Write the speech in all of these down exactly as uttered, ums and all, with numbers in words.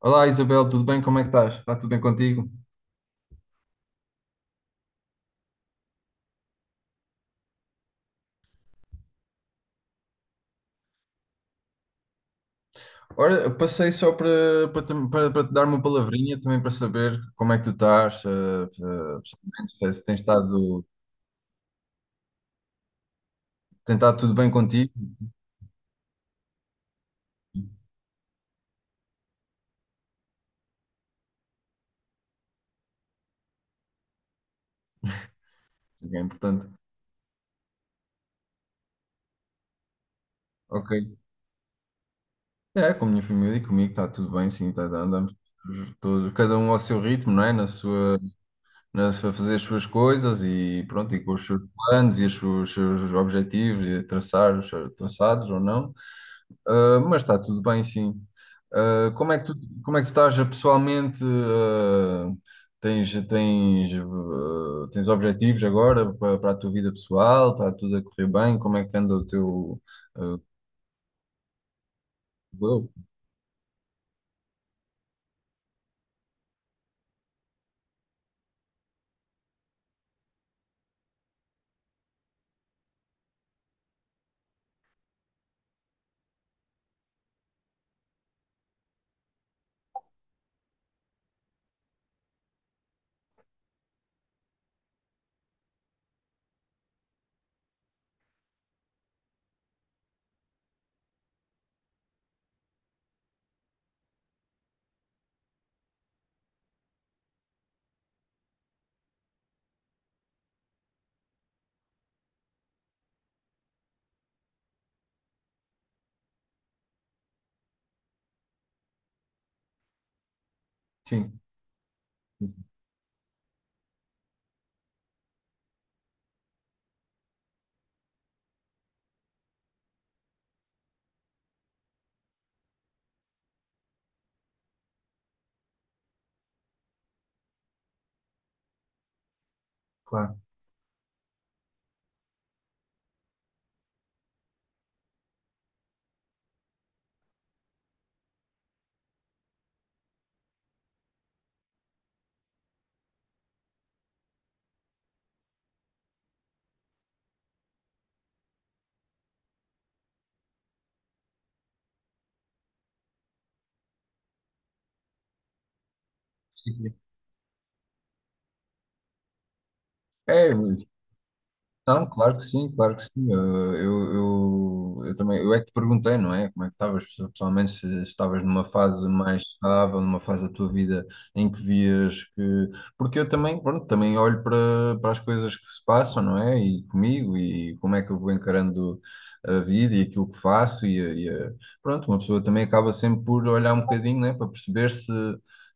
Olá Isabel, tudo bem? Como é que estás? Está tudo bem contigo? Ora, eu passei só para, para, te para- para te dar uma palavrinha também para saber como é que tu estás, eh, eh, pessoalmente, se, se tens estado, tem estado tudo bem contigo, que é importante. Ok. É, com a minha família e comigo está tudo bem, sim, tá, tá, andamos todos, cada um ao seu ritmo, não é? Na sua, na sua, fazer as suas coisas e pronto, e com os seus planos e os seus, seus objetivos, e traçar os seus traçados ou não. Ah, mas está tudo bem, sim. Ah, como é que tu, como é que tu estás pessoalmente? ah, tens, tens, ah, tens objetivos agora para, para a tua vida pessoal? Está tudo a correr bem? Como é que anda o teu, ah, eu? Sim, claro. É, não, claro que sim, claro que sim. Eu, eu, eu, eu também, eu é que te perguntei, não é? Como é que estavas pessoalmente, se se estavas numa fase mais estável, numa fase da tua vida em que vias que. Porque eu também, pronto, também olho para, para as coisas que se passam, não é? E comigo, e como é que eu vou encarando a vida e aquilo que faço, e, a- e a- pronto, uma pessoa também acaba sempre por olhar um bocadinho, né? Para perceber se,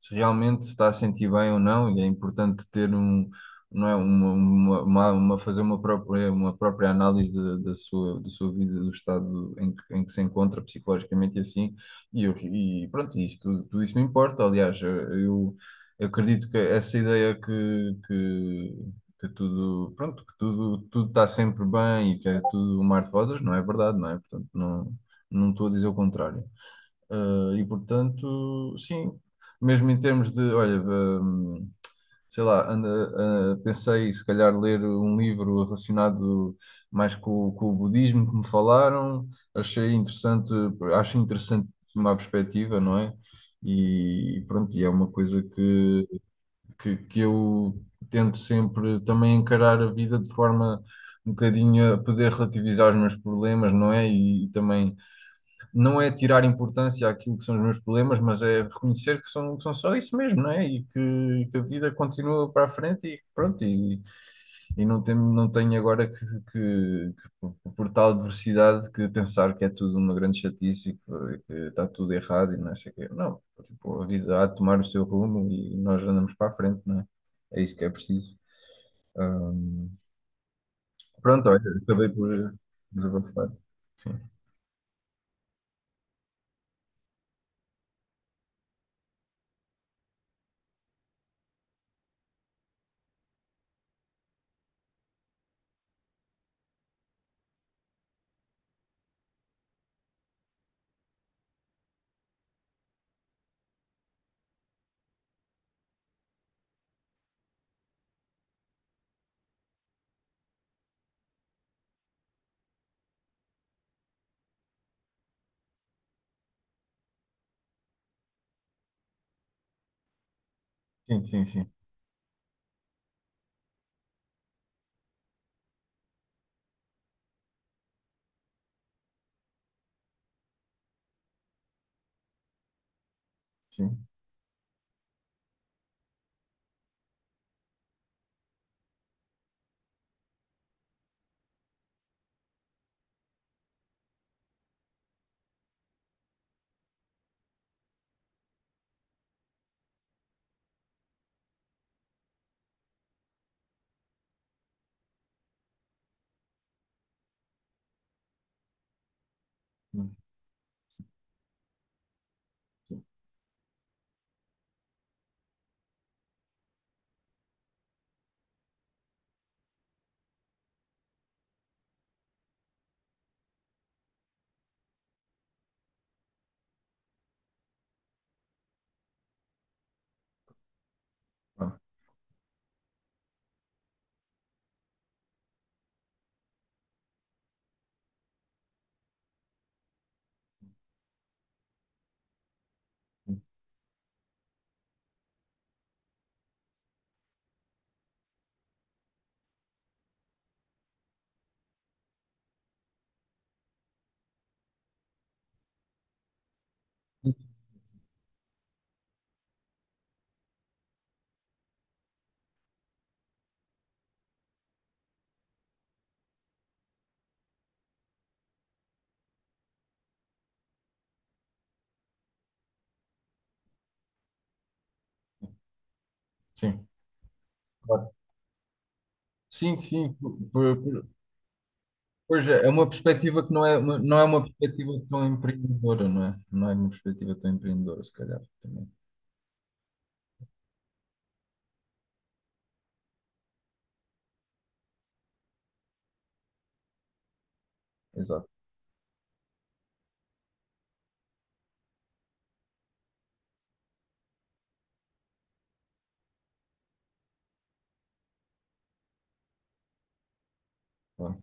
se realmente se está a sentir bem ou não, e é importante ter um não é? Uma, uma, uma, uma- fazer uma própria, uma própria análise da, da sua, da sua vida, do estado em que, em que se encontra psicologicamente e assim, e, eu, e pronto, isto, tudo, tudo isso me importa, aliás, eu, eu acredito que essa ideia que, que, que tudo, pronto, que tudo, tudo está sempre bem e que é tudo um mar de rosas, não é verdade, não é? Portanto, não, não estou a dizer o contrário. Eh, e portanto, sim, mesmo em termos de, olha, hum, sei lá, anda, ah, pensei se calhar ler um livro relacionado mais com, com o budismo que me falaram, achei interessante, acho interessante uma perspectiva, não é? E, pronto, e é uma coisa que, que, que eu tento sempre também encarar a vida de forma um bocadinho a poder relativizar os meus problemas, não é? E, também não é tirar importância àquilo que são os meus problemas, mas é reconhecer que são, que são só isso mesmo, não é? E que, e que a vida continua para a frente e pronto, e, e não tem, não tenho agora que, que- que por, por tal adversidade que pensar que é tudo uma grande chatice e que, que está tudo errado e não sei o quê. Não, tipo, a vida há de tomar o seu rumo e nós andamos para a frente, não é? É isso que é preciso. Ahm, pronto, olha, acabei por desabafar. Sim, sim, sim, sim. Sim. Ah, sim. Claro. Sim, sim, por- por- por- pois é, é uma perspectiva que não é, uma- não é uma perspectiva tão empreendedora, não é? Não é uma perspectiva tão empreendedora, se calhar, também. Exato. Claro.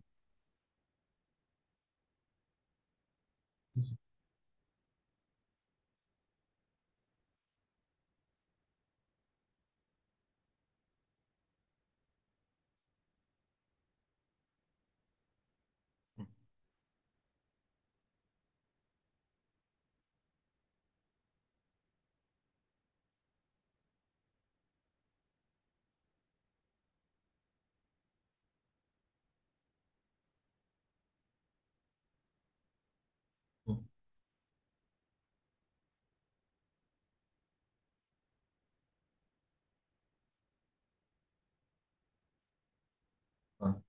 Claro.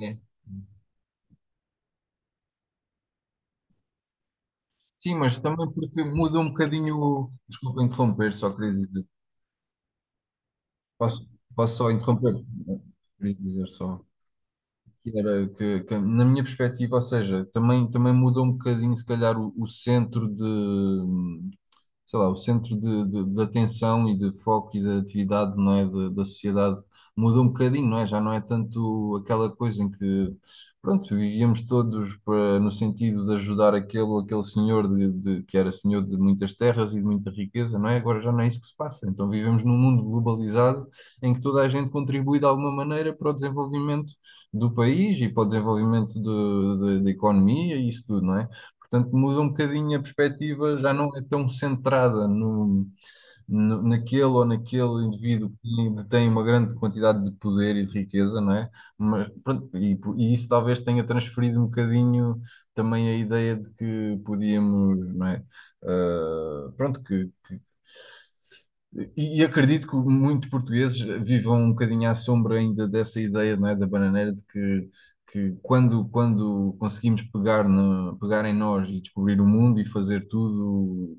É. Sim, mas também porque muda um bocadinho. O- Desculpa interromper, só queria dizer. Posso, posso só interromper? Queria dizer só. Que era que, que, na minha perspectiva, ou seja, também, também mudou um bocadinho, se calhar, o, o centro de, sei lá, o centro de, de, de atenção e de foco e de atividade, não é, de- da sociedade mudou um bocadinho, não é? Já não é tanto aquela coisa em que, pronto, vivíamos todos para, no sentido de ajudar aquele ou aquele senhor de, de- que era senhor de muitas terras e de muita riqueza, não é? Agora já não é isso que se passa. Então vivemos num mundo globalizado em que toda a gente contribui de alguma maneira para o desenvolvimento do país e para o desenvolvimento do- da da economia e isso tudo, não é? Portanto, muda um bocadinho a perspectiva, já não é tão centrada no, no- naquele ou naquele indivíduo que detém uma grande quantidade de poder e de riqueza, não é? Mas, pronto, e, por- e isso talvez tenha transferido um bocadinho também a ideia de que podíamos, não é? Ah, pronto, que, que e, e acredito que muitos portugueses vivam um bocadinho à sombra ainda dessa ideia, não é, da bananeira, de que, que quando, quando conseguimos pegar, no, pegar em nós e descobrir o mundo e fazer tudo,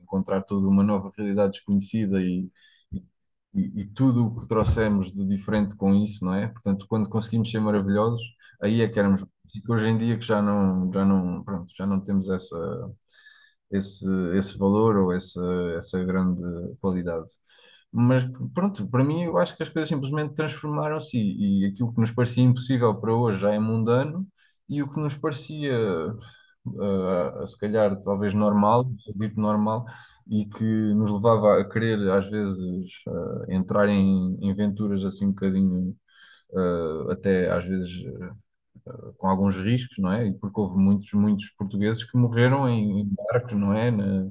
encontrar toda uma nova realidade desconhecida e, e, e tudo o que trouxemos de diferente com isso, não é? Portanto, quando conseguimos ser maravilhosos, aí é que éramos. E que hoje em dia que já não, já não, pronto, já não temos essa, esse, esse valor ou essa, essa grande qualidade. Mas pronto, para mim eu acho que as coisas simplesmente transformaram-se e, e aquilo que nos parecia impossível para hoje já é mundano e o que nos parecia ah, se calhar talvez normal, dito normal, e que nos levava a querer às vezes ah, entrar em, em aventuras assim um bocadinho ah, até às vezes com alguns riscos, não é? E porque houve muitos, muitos portugueses que morreram em, em barcos, não é? Na,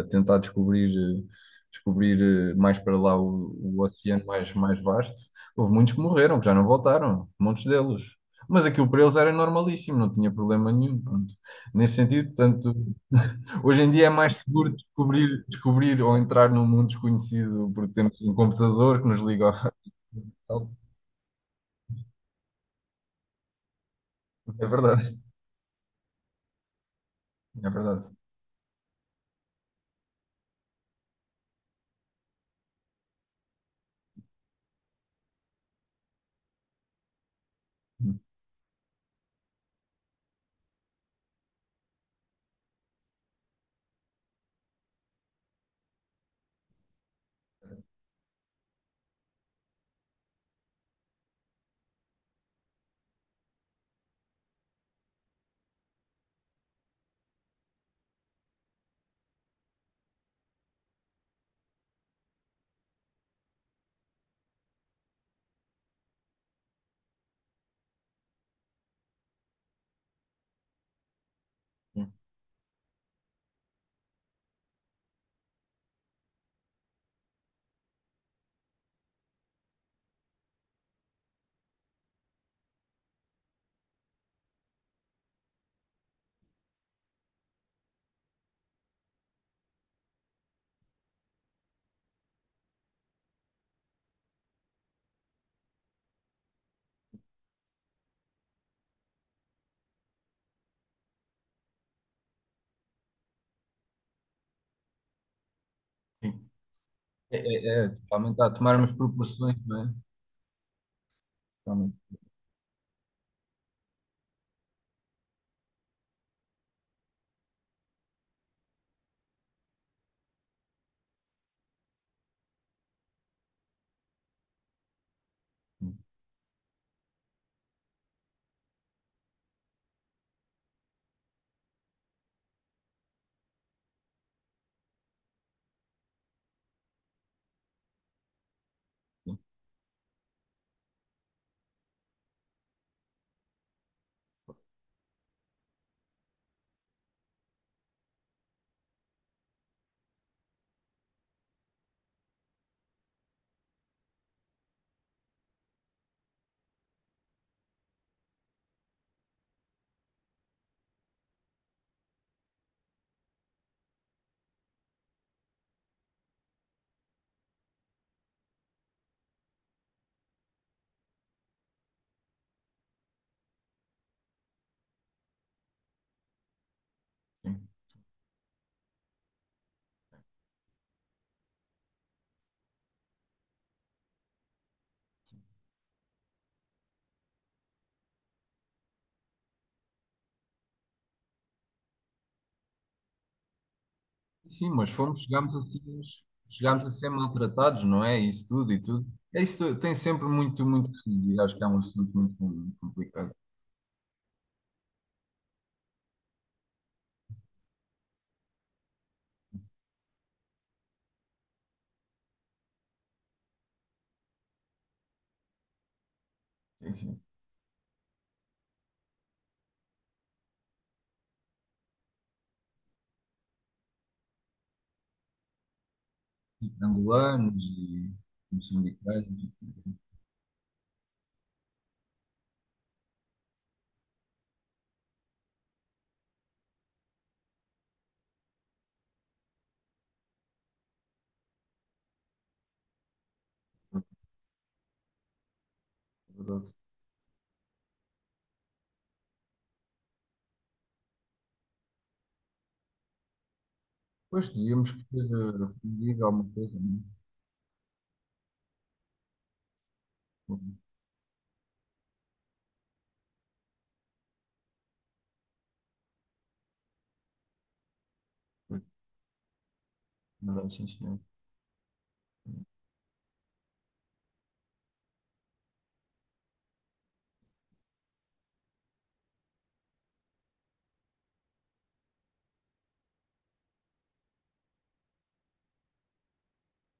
a tentar descobrir, eh, descobrir eh, mais para lá o, o oceano mais, mais vasto. Houve muitos que morreram, que já não voltaram, muitos deles. Mas aquilo para eles era normalíssimo, não tinha problema nenhum. Pronto. Nesse sentido, portanto, hoje em dia é mais seguro descobrir, descobrir ou entrar num mundo desconhecido porque temos um computador que nos liga ao... É verdade, é verdade. É, é, é, realmente está a tomar umas proporções, não é? Realmente, sim, sim, sim. Mas fomos, chegámos a ser, chegámos a ser maltratados, não é? Isso tudo e tudo. É isso, tem sempre muito, muito que se dizer. Acho que é um assunto muito complicado. Sim, sim. E Angolanos e moçambicanos. E tudo, é verdade. Pois, devíamos que ter eh, alguma coisa, não é? Não é, sim, senhor.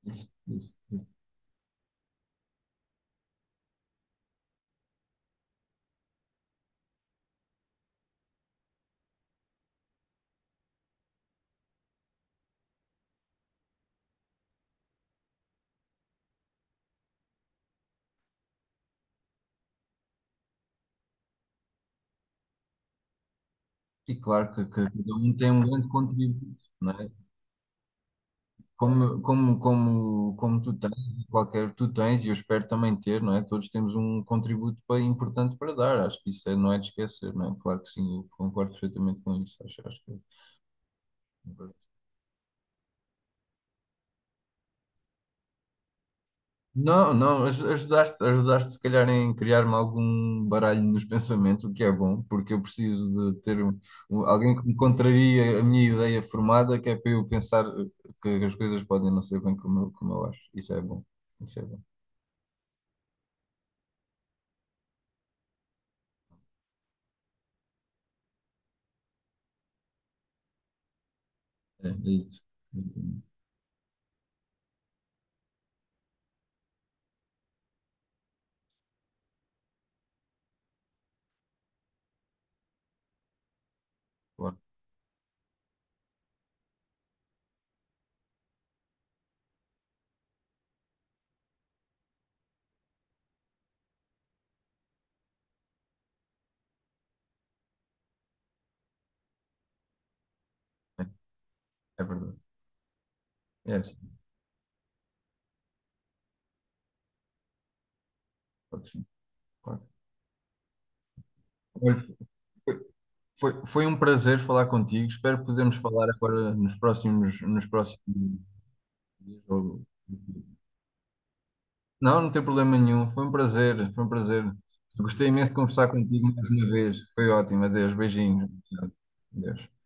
Isso, é isso, é isso. E claro que, que cada um tem um grande contributo, não é? Como, como, como, como tu tens, e qualquer tu tens, e eu espero também ter, não é? Todos temos um contributo pa- importante para dar, acho que isso é- não é de esquecer, não é? Claro que sim, eu concordo perfeitamente com isso, acho, acho que é não, não, aj- ajudaste, ajudaste se calhar em criar-me algum baralho nos pensamentos, o que é bom, porque eu preciso de ter um- um- alguém que me contraria a minha ideia formada, que é para eu pensar que as coisas podem não ser bem como, eu- como eu acho, isso é bom, isso é bom, é, é isso. Claro. É verdade. É sim, claro que sim. Claro. Olha, foi, foi, foi um prazer falar contigo. Espero que podermos falar agora nos próximos, nos próximos dias. Ou- não, não tem problema nenhum. Foi um prazer, foi um prazer. Gostei imenso de conversar contigo mais uma vez. Foi ótimo. Adeus, beijinhos. Adeus.